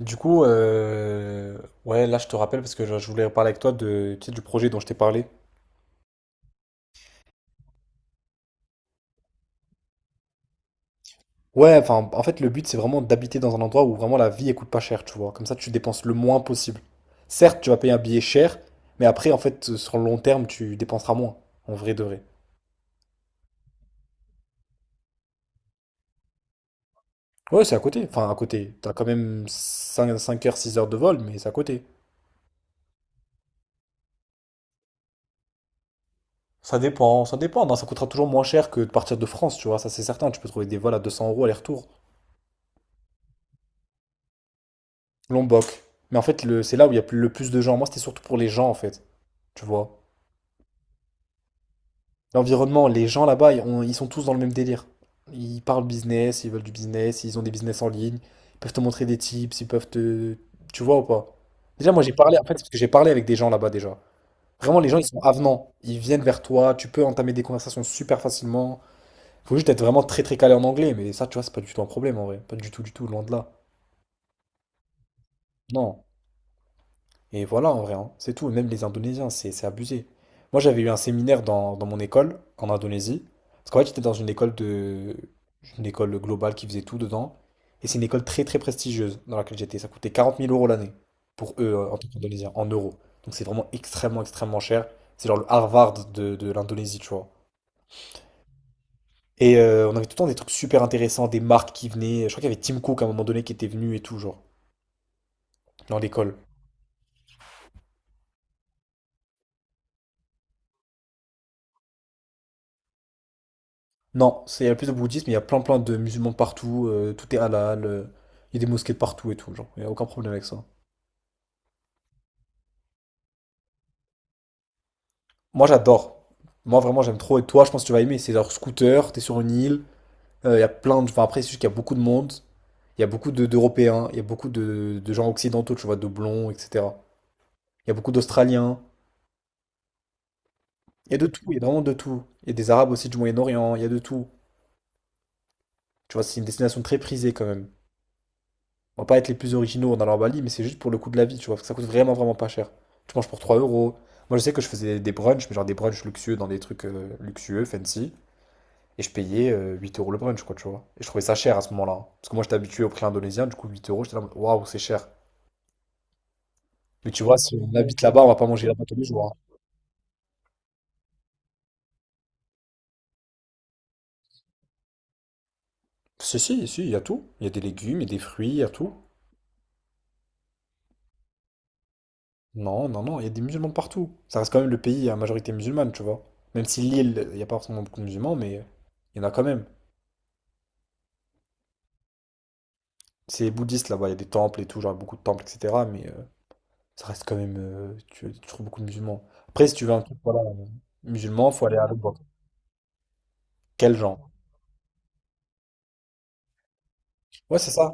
Du coup, ouais, là je te rappelle parce que je voulais parler avec toi de, tu sais, du projet dont je t'ai parlé. Ouais, enfin, en fait, le but c'est vraiment d'habiter dans un endroit où vraiment la vie elle coûte pas cher, tu vois. Comme ça, tu dépenses le moins possible. Certes, tu vas payer un billet cher, mais après, en fait, sur le long terme, tu dépenseras moins, en vrai de vrai. Ouais, c'est à côté. Enfin, à côté. T'as quand même 5, 5 heures, 6 heures de vol, mais c'est à côté. Ça dépend, ça dépend. Non, ça coûtera toujours moins cher que de partir de France, tu vois. Ça, c'est certain. Tu peux trouver des vols à 200 € aller-retour. Lombok. Mais en fait, c'est là où il y a le plus de gens. Moi, c'était surtout pour les gens, en fait. Tu vois. L'environnement, les gens là-bas, ils sont tous dans le même délire. Ils parlent business, ils veulent du business, ils ont des business en ligne. Ils peuvent te montrer des tips, ils peuvent te. Tu vois ou pas? Déjà, moi, j'ai parlé, en fait, parce que j'ai parlé avec des gens là-bas déjà. Vraiment, les gens, ils sont avenants. Ils viennent vers toi, tu peux entamer des conversations super facilement. Faut juste être vraiment très très calé en anglais, mais ça, tu vois, c'est pas du tout un problème en vrai. Pas du tout, du tout, loin de là. Non. Et voilà, en vrai, hein. C'est tout. Même les Indonésiens, c'est abusé. Moi, j'avais eu un séminaire dans mon école, en Indonésie. Parce qu'en fait, j'étais dans une école de. Une école globale qui faisait tout dedans. Et c'est une école très, très prestigieuse dans laquelle j'étais. Ça coûtait 40 000 euros l'année pour eux, en tant qu'Indonésiens, en euros. Donc, c'est vraiment extrêmement, extrêmement cher. C'est genre le Harvard de l'Indonésie, tu vois. Et on avait tout le temps des trucs super intéressants, des marques qui venaient. Je crois qu'il y avait Tim Cook à un moment donné qui était venu et tout, genre, dans l'école. Non, il y a plus de bouddhisme, il y a plein plein de musulmans partout, tout est halal, il y a des mosquées partout et tout, genre, il n'y a aucun problème avec ça. Moi j'adore. Moi vraiment j'aime trop et toi je pense que tu vas aimer, c'est genre scooter, t'es sur une île, il y a plein de. Enfin après c'est juste qu'il y a beaucoup de monde, il y a beaucoup d'Européens, il y a beaucoup de gens occidentaux, tu vois, de blonds, etc. Il y a beaucoup d'Australiens, il y a de tout, il y a vraiment de tout. Il y a des Arabes aussi du Moyen-Orient, il y a de tout. Tu vois, c'est une destination très prisée quand même. On va pas être les plus originaux en allant à Bali, mais c'est juste pour le coût de la vie, tu vois, parce que ça coûte vraiment, vraiment pas cher. Tu manges pour 3 euros. Moi, je sais que je faisais des brunchs, mais genre des brunchs luxueux dans des trucs luxueux, fancy, et je payais 8 euros le brunch, quoi, tu vois. Et je trouvais ça cher à ce moment-là, hein. Parce que moi, j'étais habitué au prix indonésien, du coup, 8 euros, j'étais là, waouh, c'est cher. Mais tu vois, si on habite là-bas, on va pas manger là-bas tous les jours, hein. Si, si, si, il y a tout. Il y a des légumes, il y a des fruits, il y a tout. Non, non, non, il y a des musulmans partout. Ça reste quand même le pays à majorité musulmane, tu vois. Même si l'île, il n'y a pas forcément beaucoup de musulmans, mais il y en a quand même. C'est bouddhiste là-bas, il y a des temples et tout, genre beaucoup de temples, etc. Mais ça reste quand même, tu trouves beaucoup de musulmans. Après, si tu veux un truc voilà, musulman, faut aller à l'autre bord. Quel genre? Ouais, c'est ça.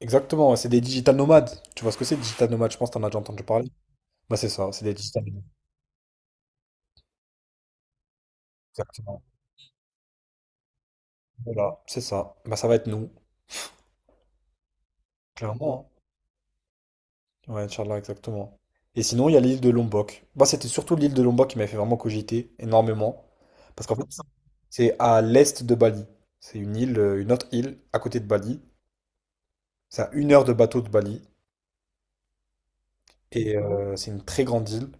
Exactement, ouais, c'est des digital nomades. Tu vois ce que c'est, digital nomades? Je pense que t'en as déjà entendu parler. Bah, c'est ça, c'est des digital nomades. Exactement. Voilà, c'est ça. Bah, ça va être nous, clairement. Ouais, Inch'Allah, exactement. Et sinon, il y a l'île de Lombok. Bah, c'était surtout l'île de Lombok qui m'avait fait vraiment cogiter énormément. Parce qu'en fait, c'est à l'est de Bali. C'est une île, une autre île à côté de Bali. C'est à une heure de bateau de Bali. Et c'est une très grande île.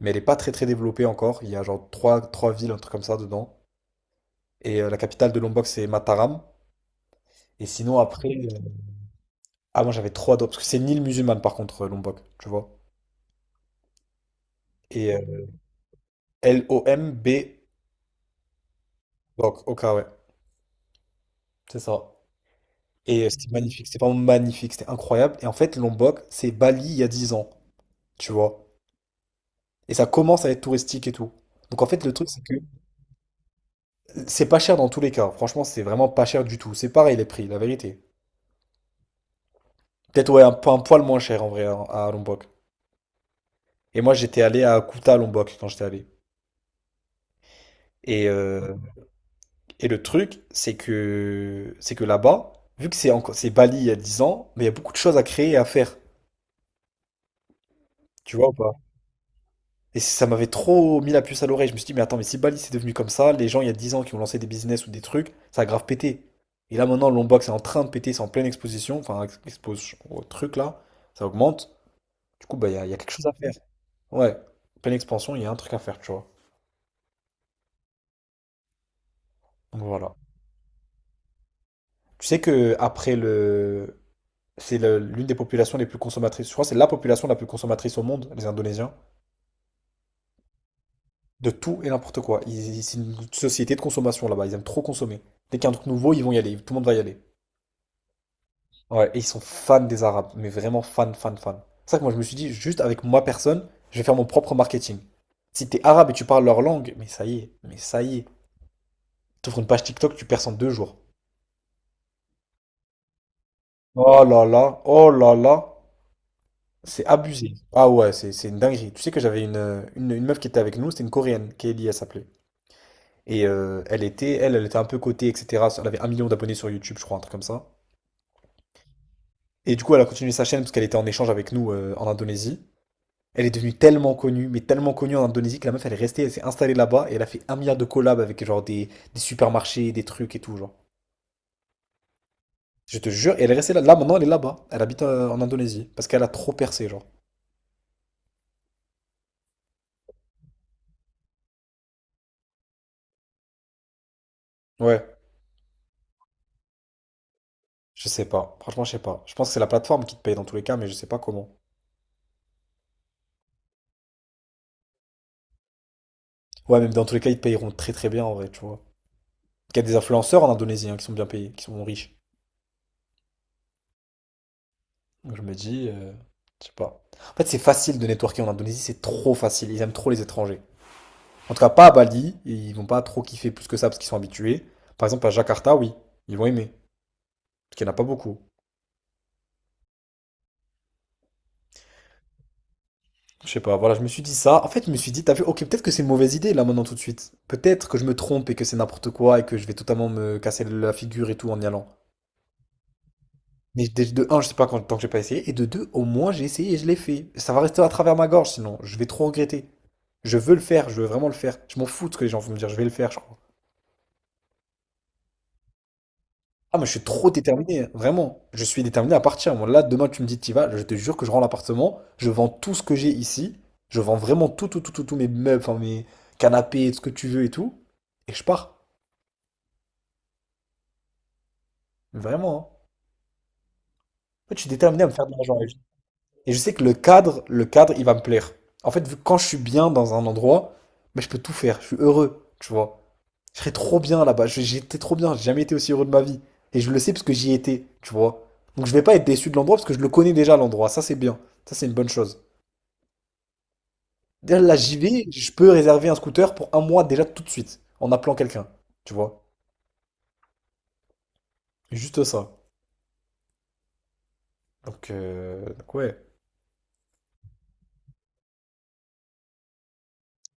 Mais elle n'est pas très très développée encore. Il y a genre trois villes, un truc comme ça dedans. Et la capitale de Lombok, c'est Mataram. Et sinon, après. Ah, moi j'avais trois d'autres. Parce que c'est une île musulmane par contre, Lombok, tu vois. Et L-O-M-B. Donc, ok, ouais. C'est ça. Et c'était magnifique, c'était vraiment magnifique, c'était incroyable. Et en fait, Lombok, c'est Bali il y a 10 ans, tu vois. Et ça commence à être touristique et tout. Donc en fait, le truc, c'est que c'est pas cher dans tous les cas. Franchement, c'est vraiment pas cher du tout. C'est pareil les prix, la vérité. Peut-être, ouais, un poil moins cher en vrai à, Lombok. Et moi, j'étais allé à Kuta, Lombok, quand j'étais allé. Et, euh, et le truc, c'est que là-bas, vu que c'est encore, c'est Bali il y a 10 ans, mais il y a beaucoup de choses à créer et à faire. Tu vois, ou pas? Et ça m'avait trop mis la puce à l'oreille. Je me suis dit, mais attends, mais si Bali c'est devenu comme ça, les gens il y a 10 ans qui ont lancé des business ou des trucs, ça a grave pété. Et là maintenant, l'Homebox est en train de péter, c'est en pleine exposition, enfin, expose au truc là, ça augmente. Du coup, bah, il y a quelque chose à faire. Ouais, pleine expansion, il y a un truc à faire, tu vois. Donc voilà. Tu sais que après le. C'est l'une des populations les plus consommatrices. Je crois que c'est la population la plus consommatrice au monde, les Indonésiens. De tout et n'importe quoi. C'est une société de consommation là-bas. Ils aiment trop consommer. Dès qu'il y a un truc nouveau, ils vont y aller. Tout le monde va y aller. Ouais, et ils sont fans des Arabes, mais vraiment fans, fans, fans. C'est ça que moi je me suis dit, juste avec moi personne, je vais faire mon propre marketing. Si t'es arabe et tu parles leur langue, mais ça y est, mais ça y est. T'ouvres une page TikTok, tu perds en 2 jours. Oh là là, oh là là, c'est abusé. Ah ouais, c'est une dinguerie. Tu sais que j'avais une meuf qui était avec nous, c'était une Coréenne, Kelly, elle s'appelait. Et elle était un peu cotée, etc. Elle avait un million d'abonnés sur YouTube, je crois, un truc comme ça. Et du coup, elle a continué sa chaîne parce qu'elle était en échange avec nous en Indonésie. Elle est devenue tellement connue, mais tellement connue en Indonésie que la meuf elle est restée, elle s'est installée là-bas et elle a fait un milliard de collabs avec genre des supermarchés, des trucs et tout, genre. Je te jure, et elle est restée là. Là maintenant elle est là-bas. Elle habite en Indonésie parce qu'elle a trop percé, genre. Ouais, je sais pas. Franchement, je sais pas. Je pense que c'est la plateforme qui te paye dans tous les cas, mais je sais pas comment. Ouais, même dans tous les cas, ils te payeront très très bien en vrai, tu vois. Il y a des influenceurs en Indonésie hein, qui sont bien payés, qui sont riches. Donc je me dis, je sais pas. En fait, c'est facile de networker en Indonésie, c'est trop facile. Ils aiment trop les étrangers. En tout cas, pas à Bali, et ils vont pas trop kiffer plus que ça parce qu'ils sont habitués. Par exemple, à Jakarta, oui, ils vont aimer, parce qu'il n'y en a pas beaucoup. Je sais pas, voilà, je me suis dit ça. En fait, je me suis dit, t'as vu, ok, peut-être que c'est une mauvaise idée là maintenant tout de suite. Peut-être que je me trompe et que c'est n'importe quoi et que je vais totalement me casser la figure et tout en y allant. Mais de un, je sais pas quand, tant que j'ai pas essayé, et de deux, au moins j'ai essayé et je l'ai fait. Ça va rester à travers ma gorge sinon, je vais trop regretter. Je veux le faire, je veux vraiment le faire. Je m'en fous de ce que les gens vont me dire, je vais le faire, je crois. Ah, mais je suis trop déterminé, hein, vraiment. Je suis déterminé à partir. Moi, là, demain, tu me dis, t'y vas, je te jure que je rends l'appartement, je vends tout ce que j'ai ici, je vends vraiment tout, tout, tout, tout, tout, mes meubles, enfin, mes canapés, ce que tu veux et tout, et je pars. Vraiment, hein. En fait, je suis déterminé à me faire de l'argent avec. Et je sais que le cadre, il va me plaire. En fait, vu que quand je suis bien dans un endroit, mais je peux tout faire, je suis heureux, tu vois. Je serais trop bien là-bas. J'étais trop bien. J'ai jamais été aussi heureux de ma vie. Et je le sais parce que j'y étais, tu vois. Donc je vais pas être déçu de l'endroit parce que je le connais déjà l'endroit. Ça, c'est bien. Ça, c'est une bonne chose. D'ailleurs, là, j'y vais. Je peux réserver un scooter pour un mois déjà tout de suite en appelant quelqu'un, tu vois. Juste ça. Donc ouais.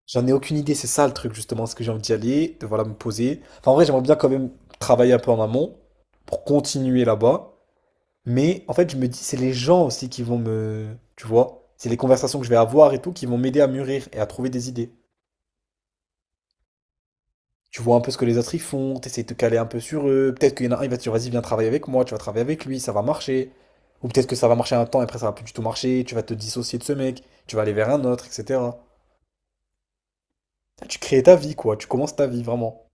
J'en ai aucune idée. C'est ça le truc justement. Est-ce que j'ai envie d'y aller, de voilà me poser. Enfin, en vrai, j'aimerais bien quand même travailler un peu en amont pour continuer là-bas. Mais en fait, je me dis, c'est les gens aussi qui vont me… Tu vois, c'est les conversations que je vais avoir et tout qui vont m'aider à mûrir et à trouver des idées. Tu vois un peu ce que les autres ils font, t'essayes de te caler un peu sur eux. Peut-être qu'il y en a un, il va te dire, vas-y, viens travailler avec moi, tu vas travailler avec lui, ça va marcher. Ou peut-être que ça va marcher un temps et après ça va plus du tout marcher, tu vas te dissocier de ce mec, tu vas aller vers un autre, etc. Tu crées ta vie, quoi, tu commences ta vie vraiment.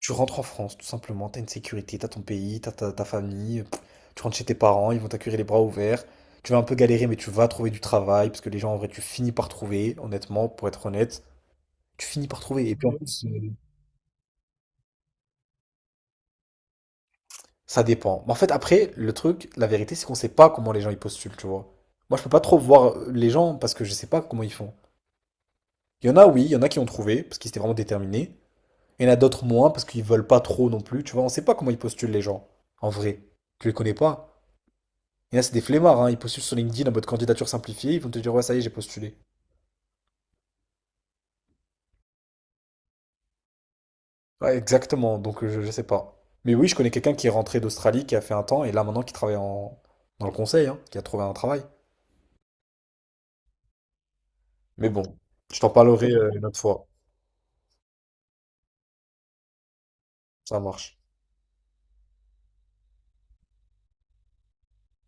Tu rentres en France, tout simplement, t'as une sécurité, t'as ton pays, t'as ta famille, pff, tu rentres chez tes parents, ils vont t'accueillir les bras ouverts. Tu vas un peu galérer, mais tu vas trouver du travail, parce que les gens, en vrai, tu finis par trouver, honnêtement, pour être honnête, tu finis par trouver. Et puis, en fait, ça dépend. Mais en fait, après, le truc, la vérité, c'est qu'on sait pas comment les gens ils postulent, tu vois. Moi, je peux pas trop voir les gens, parce que je sais pas comment ils font. Il y en a, oui, il y en a qui ont trouvé, parce qu'ils étaient vraiment déterminés. Il y en a d'autres moins, parce qu'ils veulent pas trop non plus, tu vois. On sait pas comment ils postulent, les gens, en vrai. Tu les connais pas. Il y a, c'est des flemmards, hein, ils postulent sur LinkedIn en mode candidature simplifiée, ils vont te dire ouais, ça y est, j'ai postulé. Ouais, exactement, donc je sais pas. Mais oui, je connais quelqu'un qui est rentré d'Australie, qui a fait un temps, et là maintenant qui travaille en… dans le conseil, hein, qui a trouvé un travail. Mais bon, je t'en parlerai une autre fois, ça marche.